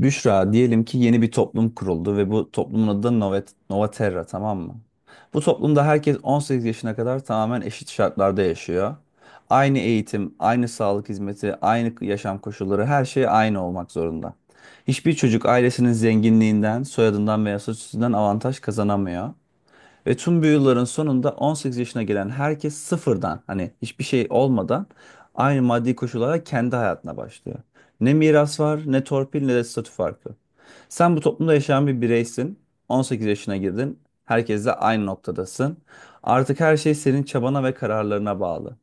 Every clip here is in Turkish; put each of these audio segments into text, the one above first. Büşra, diyelim ki yeni bir toplum kuruldu ve bu toplumun adı da Nova, Nova Terra, tamam mı? Bu toplumda herkes 18 yaşına kadar tamamen eşit şartlarda yaşıyor. Aynı eğitim, aynı sağlık hizmeti, aynı yaşam koşulları, her şey aynı olmak zorunda. Hiçbir çocuk ailesinin zenginliğinden, soyadından veya statüsünden avantaj kazanamıyor. Ve tüm bu yılların sonunda 18 yaşına gelen herkes sıfırdan, hani hiçbir şey olmadan aynı maddi koşullara, kendi hayatına başlıyor. Ne miras var, ne torpil, ne de statü farkı. Sen bu toplumda yaşayan bir bireysin. 18 yaşına girdin. Herkesle aynı noktadasın. Artık her şey senin çabana ve kararlarına bağlı.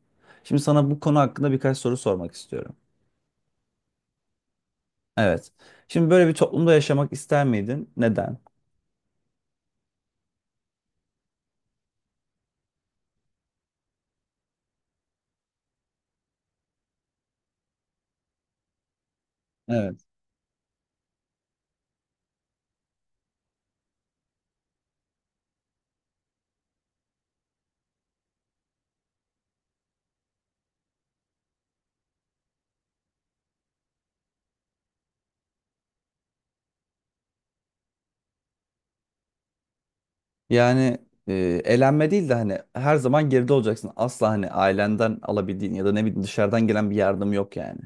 Şimdi sana bu konu hakkında birkaç soru sormak istiyorum. Evet. Şimdi böyle bir toplumda yaşamak ister miydin? Neden? Evet. Yani e, elenme değil de hani her zaman geride olacaksın. Asla hani ailenden alabildiğin ya da ne bileyim dışarıdan gelen bir yardım yok yani.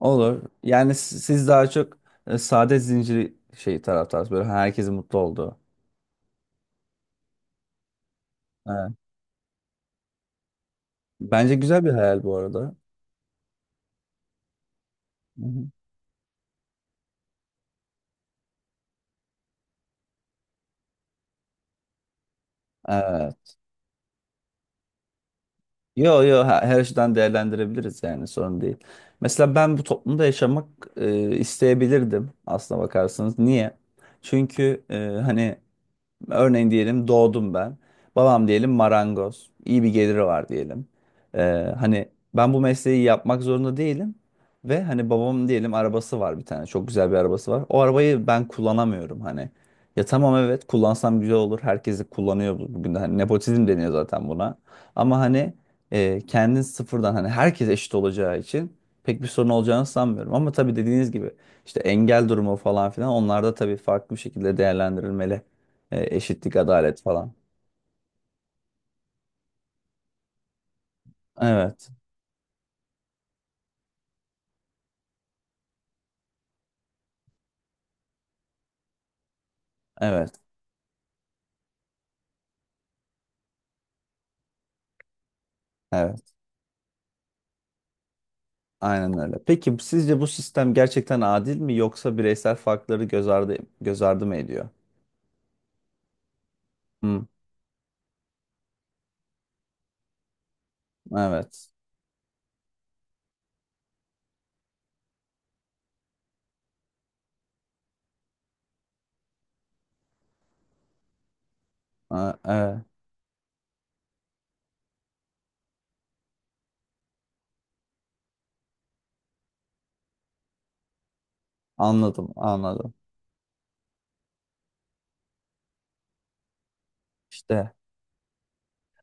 Olur. Siz daha çok saadet zinciri şey taraftarsınız. Böyle herkesin mutlu olduğu. Evet. Bence güzel bir hayal bu arada. Hı hı. Evet. Yo yo, her, her açıdan değerlendirebiliriz, yani sorun değil. Mesela ben bu toplumda yaşamak isteyebilirdim, aslına bakarsanız. Niye? Çünkü e, hani Örneğin diyelim doğdum ben. Babam diyelim marangoz. İyi bir geliri var diyelim. Ee, hani ben bu mesleği yapmak zorunda değilim. Ve hani babamın diyelim arabası var bir tane. Çok güzel bir arabası var. O arabayı ben kullanamıyorum hani. Ya tamam, evet, kullansam güzel olur. Herkes de kullanıyor bugün de. Hani nepotizm deniyor zaten buna. Ama hani kendin sıfırdan, hani herkes eşit olacağı için pek bir sorun olacağını sanmıyorum. Ama tabii, dediğiniz gibi, işte engel durumu falan filan, onlar da tabii farklı bir şekilde değerlendirilmeli. E, eşitlik, adalet falan. Evet, evet, evet. Aynen öyle. Peki sizce bu sistem gerçekten adil mi, yoksa bireysel farkları göz ardı mı ediyor? Hı, evet. Ha, evet. Anladım, anladım. İşte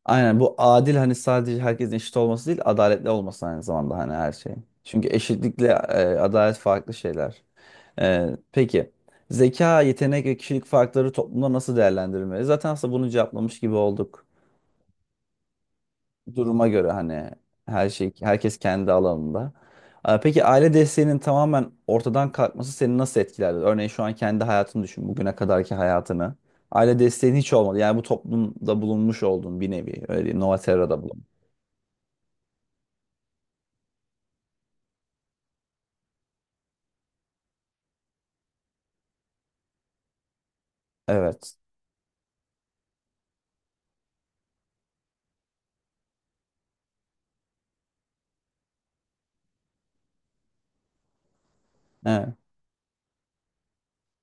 aynen, bu adil hani. Sadece herkesin eşit olması değil, adaletli olması aynı zamanda hani, her şeyin. Çünkü eşitlikle adalet farklı şeyler. E, peki zeka, yetenek ve kişilik farkları toplumda nasıl değerlendirilmeli? Zaten aslında bunu cevaplamış gibi olduk. Duruma göre hani, her şey herkes kendi alanında. Peki aile desteğinin tamamen ortadan kalkması seni nasıl etkilerdi? Örneğin şu an kendi hayatını düşün, bugüne kadarki hayatını. Aile desteğin hiç olmadı. Yani bu toplumda bulunmuş oldun bir nevi. Öyle diyeyim, Novaterra'da bulun. Evet. Evet.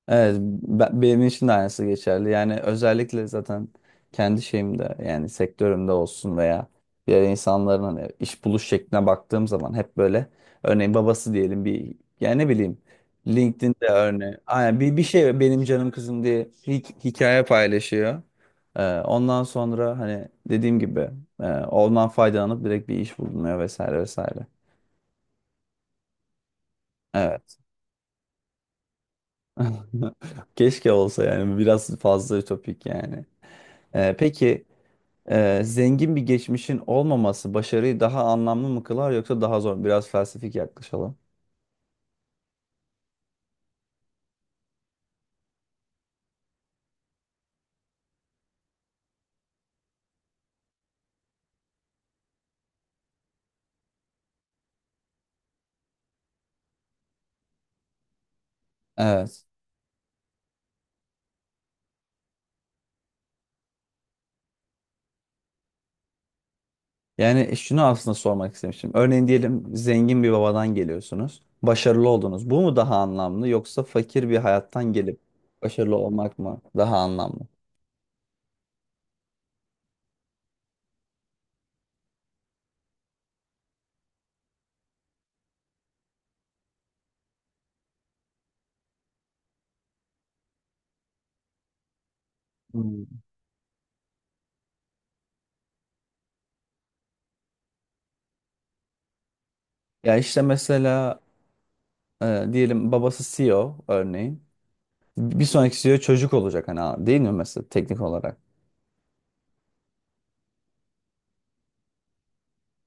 Benim için de aynısı geçerli. Yani özellikle zaten kendi şeyimde, yani sektörümde olsun veya diğer insanların hani iş buluş şekline baktığım zaman hep böyle örneğin babası diyelim bir, yani ne bileyim, LinkedIn'de örneğin aynen bir şey, benim canım kızım diye hikaye paylaşıyor. Ondan sonra hani dediğim gibi, ondan faydalanıp direkt bir iş bulunuyor vesaire vesaire. Evet. Keşke olsa yani, biraz fazla ütopik yani. Peki zengin bir geçmişin olmaması başarıyı daha anlamlı mı kılar, yoksa daha zor mu? Biraz felsefik yaklaşalım. Evet. Yani şunu aslında sormak istemiştim. Örneğin diyelim zengin bir babadan geliyorsunuz. Başarılı oldunuz. Bu mu daha anlamlı, yoksa fakir bir hayattan gelip başarılı olmak mı daha anlamlı? Hmm. Ya işte mesela diyelim babası CEO örneğin. Bir sonraki CEO çocuk olacak hani abi, değil mi, mesela teknik olarak?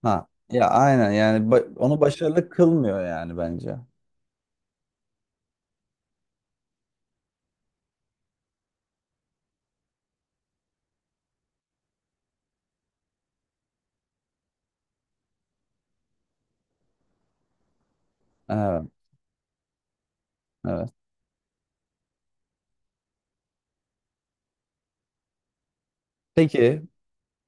Ha. Ya aynen yani, onu başarılı kılmıyor yani bence. Evet, evet. Peki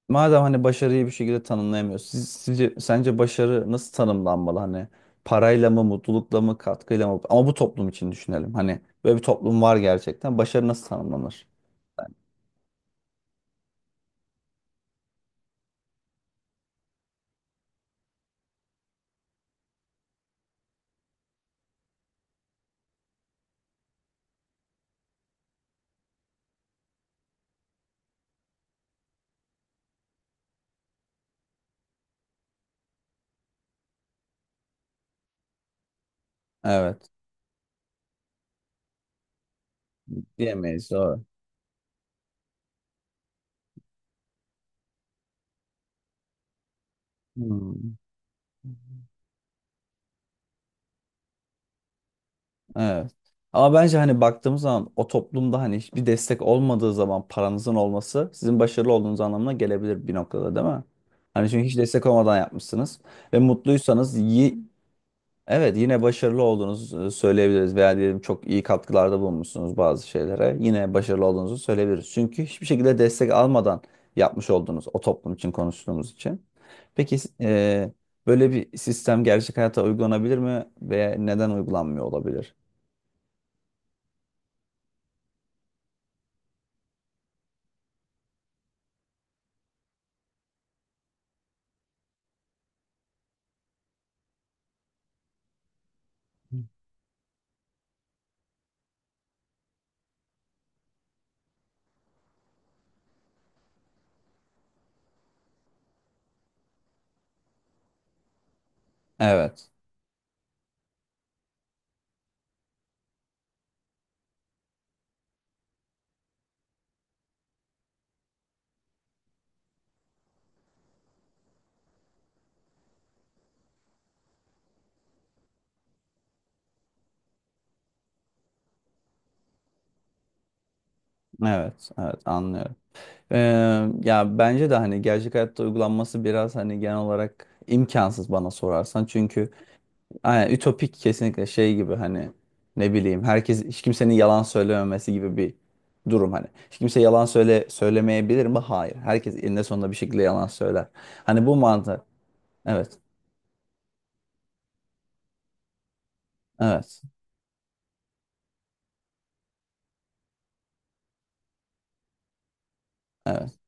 madem hani başarıyı bir şekilde tanımlayamıyoruz, sence başarı nasıl tanımlanmalı? Hani parayla mı, mutlulukla mı, katkıyla mı? Ama bu toplum için düşünelim. Hani böyle bir toplum var gerçekten. Başarı nasıl tanımlanır? Evet. Diyemeyiz. Doğru. Hmm. Evet. Ama bence hani baktığımız zaman o toplumda, hani hiçbir destek olmadığı zaman, paranızın olması sizin başarılı olduğunuz anlamına gelebilir bir noktada, değil mi? Hani çünkü hiç destek olmadan yapmışsınız ve evet, yine başarılı olduğunuzu söyleyebiliriz, veya diyelim çok iyi katkılarda bulunmuşsunuz bazı şeylere, yine başarılı olduğunuzu söyleyebiliriz. Çünkü hiçbir şekilde destek almadan yapmış oldunuz, o toplum için konuştuğumuz için. Peki böyle bir sistem gerçek hayata uygulanabilir mi, veya neden uygulanmıyor olabilir? Evet, evet, evet, anlıyorum. Ee, ya bence de hani gerçek hayatta uygulanması biraz hani genel olarak imkansız, bana sorarsan. Çünkü hani, ütopik kesinlikle. Şey gibi hani, ne bileyim, herkes hiç kimsenin yalan söylememesi gibi bir durum hani. Hiç kimse yalan söyle söylemeyebilir mi? Hayır. Herkes eninde sonunda bir şekilde yalan söyler. Hani bu mantık. Evet, evet, evet.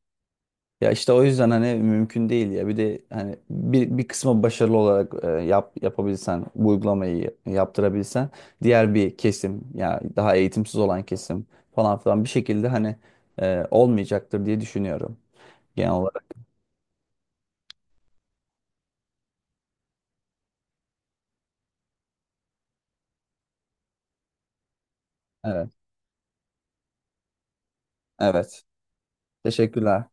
Ya işte o yüzden hani mümkün değil ya. Bir de hani bir kısmı başarılı olarak yapabilsen, bu uygulamayı yaptırabilsen, diğer bir kesim, ya daha eğitimsiz olan kesim falan filan, bir şekilde hani olmayacaktır diye düşünüyorum genel olarak. Evet. Evet. Teşekkürler.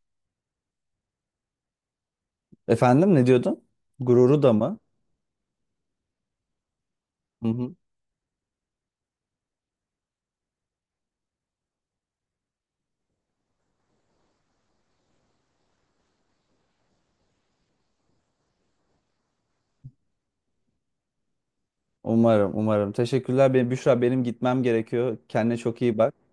Efendim, ne diyordun? Gururu da mı? Hı hı. Umarım, umarım. Teşekkürler. Benim, Büşra, benim gitmem gerekiyor. Kendine çok iyi bak.